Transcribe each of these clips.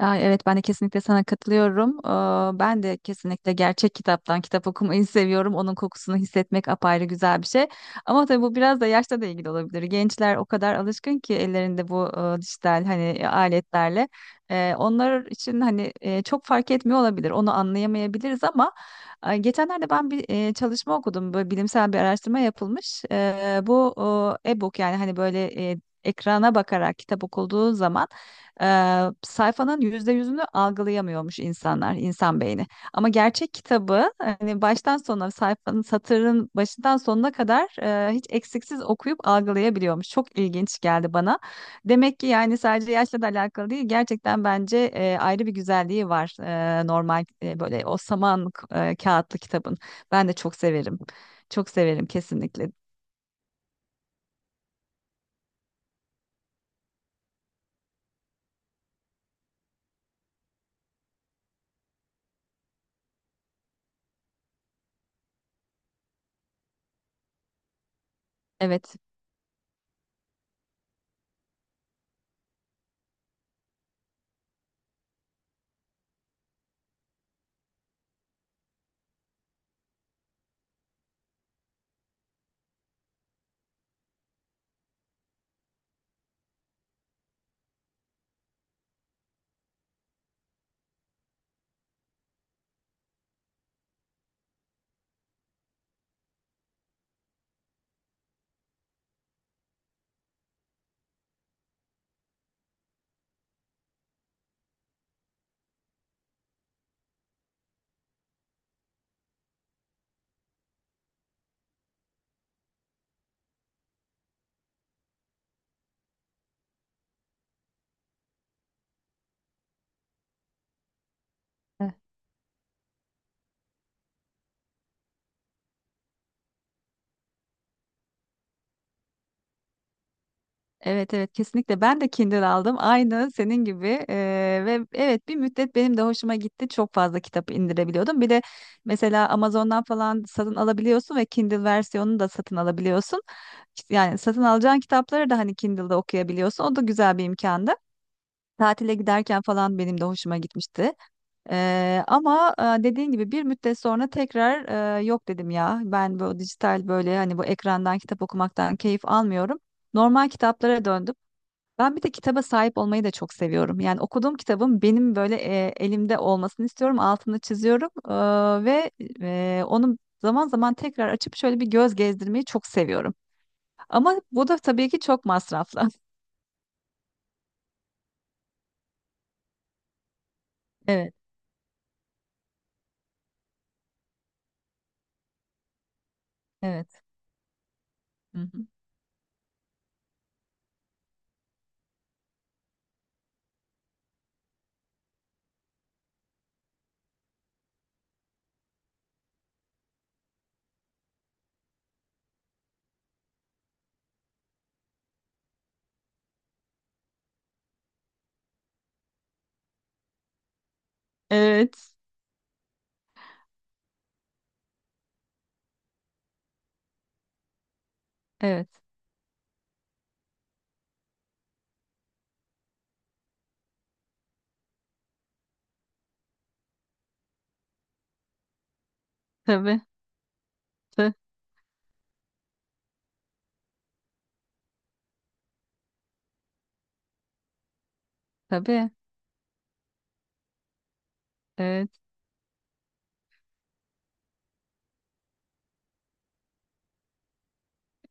Ay, evet ben de kesinlikle sana katılıyorum. Ben de kesinlikle gerçek kitaptan kitap okumayı seviyorum. Onun kokusunu hissetmek apayrı güzel bir şey. Ama tabii bu biraz da yaşla da ilgili olabilir. Gençler o kadar alışkın ki ellerinde bu dijital hani aletlerle. Onlar için hani çok fark etmiyor olabilir. Onu anlayamayabiliriz ama geçenlerde ben bir çalışma okudum. Böyle bilimsel bir araştırma yapılmış. Bu e-book yani hani böyle ekrana bakarak kitap okulduğu zaman e, sayfanın %100'ünü algılayamıyormuş insanlar, insan beyni. Ama gerçek kitabı hani baştan sona sayfanın, satırın başından sonuna kadar hiç eksiksiz okuyup algılayabiliyormuş. Çok ilginç geldi bana. Demek ki yani sadece yaşla da alakalı değil. Gerçekten bence ayrı bir güzelliği var normal, böyle o saman kağıtlı kitabın. Ben de çok severim. Çok severim kesinlikle. Evet. Evet, evet, kesinlikle ben de Kindle aldım aynı senin gibi. Ve evet, bir müddet benim de hoşuma gitti, çok fazla kitap indirebiliyordum. Bir de mesela Amazon'dan falan satın alabiliyorsun ve Kindle versiyonunu da satın alabiliyorsun. İşte, yani satın alacağın kitapları da hani Kindle'da okuyabiliyorsun, o da güzel bir imkandı. Tatile giderken falan benim de hoşuma gitmişti. Ama dediğin gibi bir müddet sonra tekrar yok dedim ya. Ben bu dijital, böyle hani bu ekrandan kitap okumaktan keyif almıyorum. Normal kitaplara döndüm. Ben bir de kitaba sahip olmayı da çok seviyorum. Yani okuduğum kitabın benim böyle elimde olmasını istiyorum. Altını çiziyorum. Ve onu zaman zaman tekrar açıp şöyle bir göz gezdirmeyi çok seviyorum. Ama bu da tabii ki çok masraflı. Evet, evet. Hı hı. Evet, evet. Tabii, tı- tabii, evet.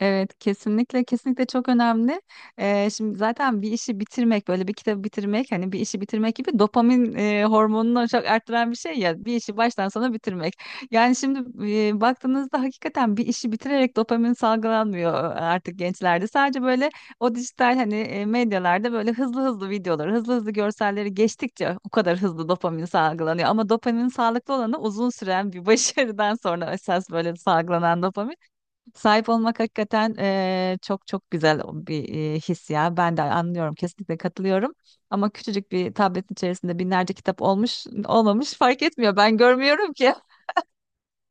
Evet, kesinlikle kesinlikle çok önemli. Şimdi zaten bir işi bitirmek, böyle bir kitabı bitirmek, hani bir işi bitirmek gibi dopamin hormonunu çok arttıran bir şey ya, bir işi baştan sona bitirmek. Yani şimdi baktığınızda hakikaten bir işi bitirerek dopamin salgılanmıyor artık gençlerde. Sadece böyle o dijital hani medyalarda böyle hızlı hızlı videoları, hızlı hızlı görselleri geçtikçe o kadar hızlı dopamin salgılanıyor. Ama dopaminin sağlıklı olanı uzun süren bir başarıdan sonra esas böyle salgılanan dopamin. Sahip olmak hakikaten çok çok güzel o bir his ya. Ben de anlıyorum, kesinlikle katılıyorum. Ama küçücük bir tabletin içerisinde binlerce kitap olmuş, olmamış fark etmiyor. Ben görmüyorum ki.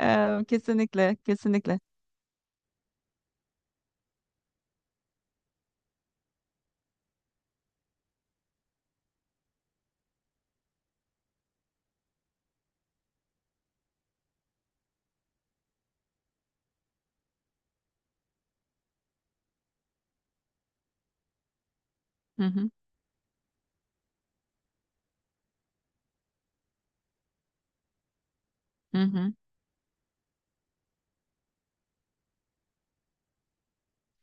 Kesinlikle, kesinlikle. Hı hı, hı hı,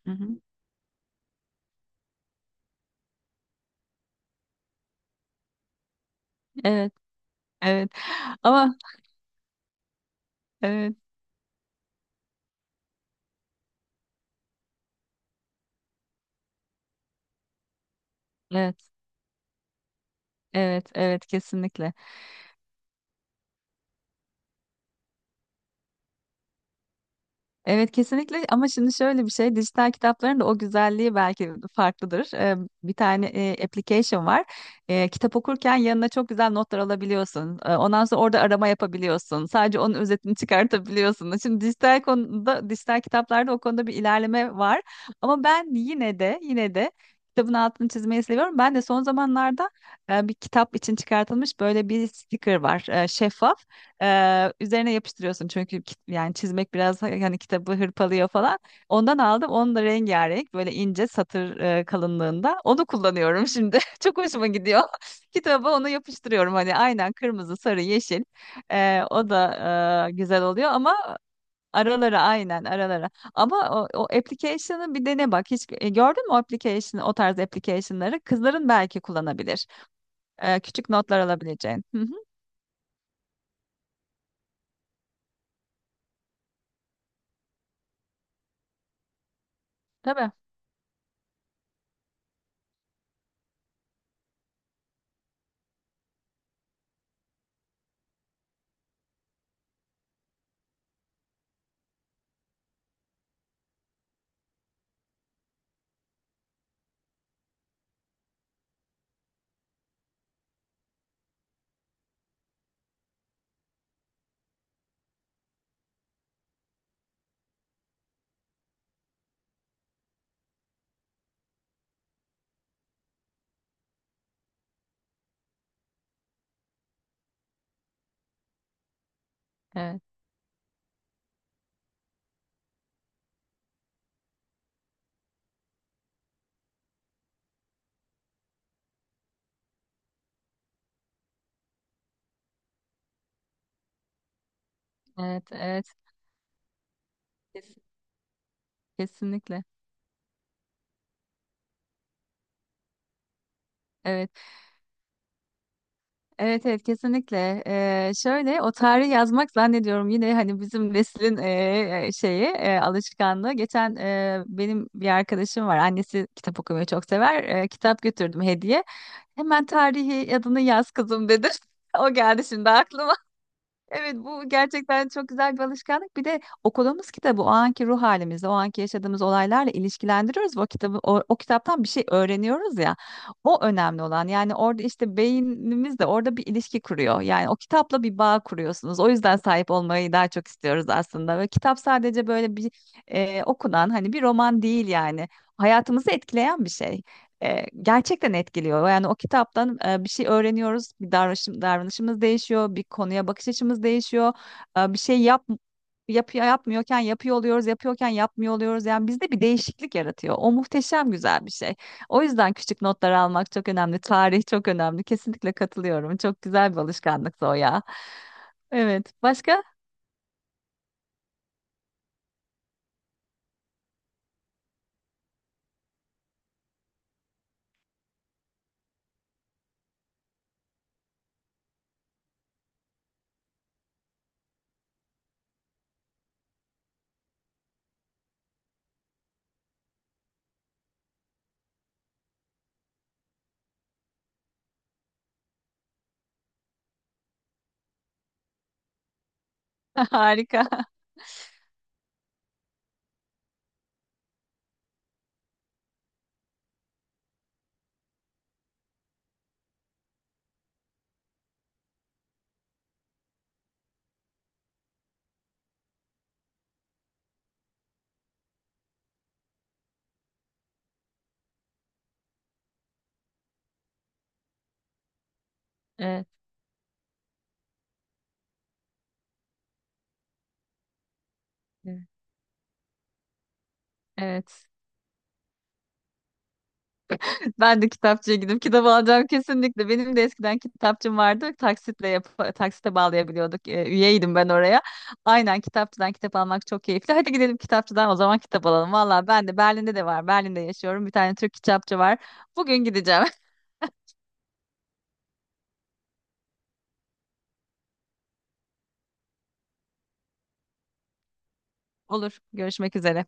hı hı. Evet, evet. Ama evet, evet, evet, evet, kesinlikle. Evet, kesinlikle. Ama şimdi şöyle bir şey, dijital kitapların da o güzelliği belki farklıdır. Bir tane application var. Kitap okurken yanına çok güzel notlar alabiliyorsun. Ondan sonra orada arama yapabiliyorsun. Sadece onun özetini çıkartabiliyorsun. Şimdi dijital konuda, dijital kitaplarda o konuda bir ilerleme var. Ama ben yine de yine de kitabın altını çizmeyi seviyorum. Ben de son zamanlarda bir kitap için çıkartılmış böyle bir sticker var. Şeffaf. Üzerine yapıştırıyorsun çünkü yani çizmek biraz hani kitabı hırpalıyor falan. Ondan aldım. Onun da rengarenk, böyle ince satır kalınlığında. Onu kullanıyorum şimdi. Çok hoşuma gidiyor. Kitaba onu yapıştırıyorum hani, aynen kırmızı, sarı, yeşil. O da güzel oluyor ama aralara, aynen aralara. Ama o application'ı bir dene bak. Hiç gördün mü o application, o tarz application'ları? Kızların belki kullanabilir. Küçük notlar alabileceğin. Hı hı, tabii. Evet, evet, evet. Kesinlikle. Evet. Evet, evet kesinlikle. Şöyle o tarihi yazmak zannediyorum yine hani bizim neslin şeyi, alışkanlığı. Geçen benim bir arkadaşım var. Annesi kitap okumayı çok sever. Kitap götürdüm hediye. Hemen tarihi, adını yaz kızım dedi. O geldi şimdi aklıma. Evet, bu gerçekten çok güzel bir alışkanlık. Bir de okuduğumuz kitabı o anki ruh halimizle, o anki yaşadığımız olaylarla ilişkilendiriyoruz. Ve o kitabı, o kitaptan bir şey öğreniyoruz ya. O önemli olan. Yani orada işte beynimiz de orada bir ilişki kuruyor. Yani o kitapla bir bağ kuruyorsunuz. O yüzden sahip olmayı daha çok istiyoruz aslında. Ve kitap sadece böyle bir okunan hani bir roman değil yani. Hayatımızı etkileyen bir şey, gerçekten etkiliyor. Yani o kitaptan bir şey öğreniyoruz, davranışımız değişiyor, bir konuya bakış açımız değişiyor. Bir şey yapıyor yapmıyorken yapıyor oluyoruz, yapıyorken yapmıyor oluyoruz. Yani bizde bir değişiklik yaratıyor. O muhteşem güzel bir şey. O yüzden küçük notlar almak çok önemli. Tarih çok önemli. Kesinlikle katılıyorum. Çok güzel bir alışkanlıktı o ya. Evet. Başka? Harika. Evet. Evet. Ben de kitapçıya gidip kitap alacağım kesinlikle. Benim de eskiden kitapçım vardı. Taksitle yap Taksite bağlayabiliyorduk. Üyeydim ben oraya. Aynen kitapçıdan kitap almak çok keyifli. Hadi gidelim kitapçıdan o zaman kitap alalım. Valla ben de Berlin'de de var. Berlin'de yaşıyorum. Bir tane Türk kitapçı var. Bugün gideceğim. Olur. Görüşmek üzere.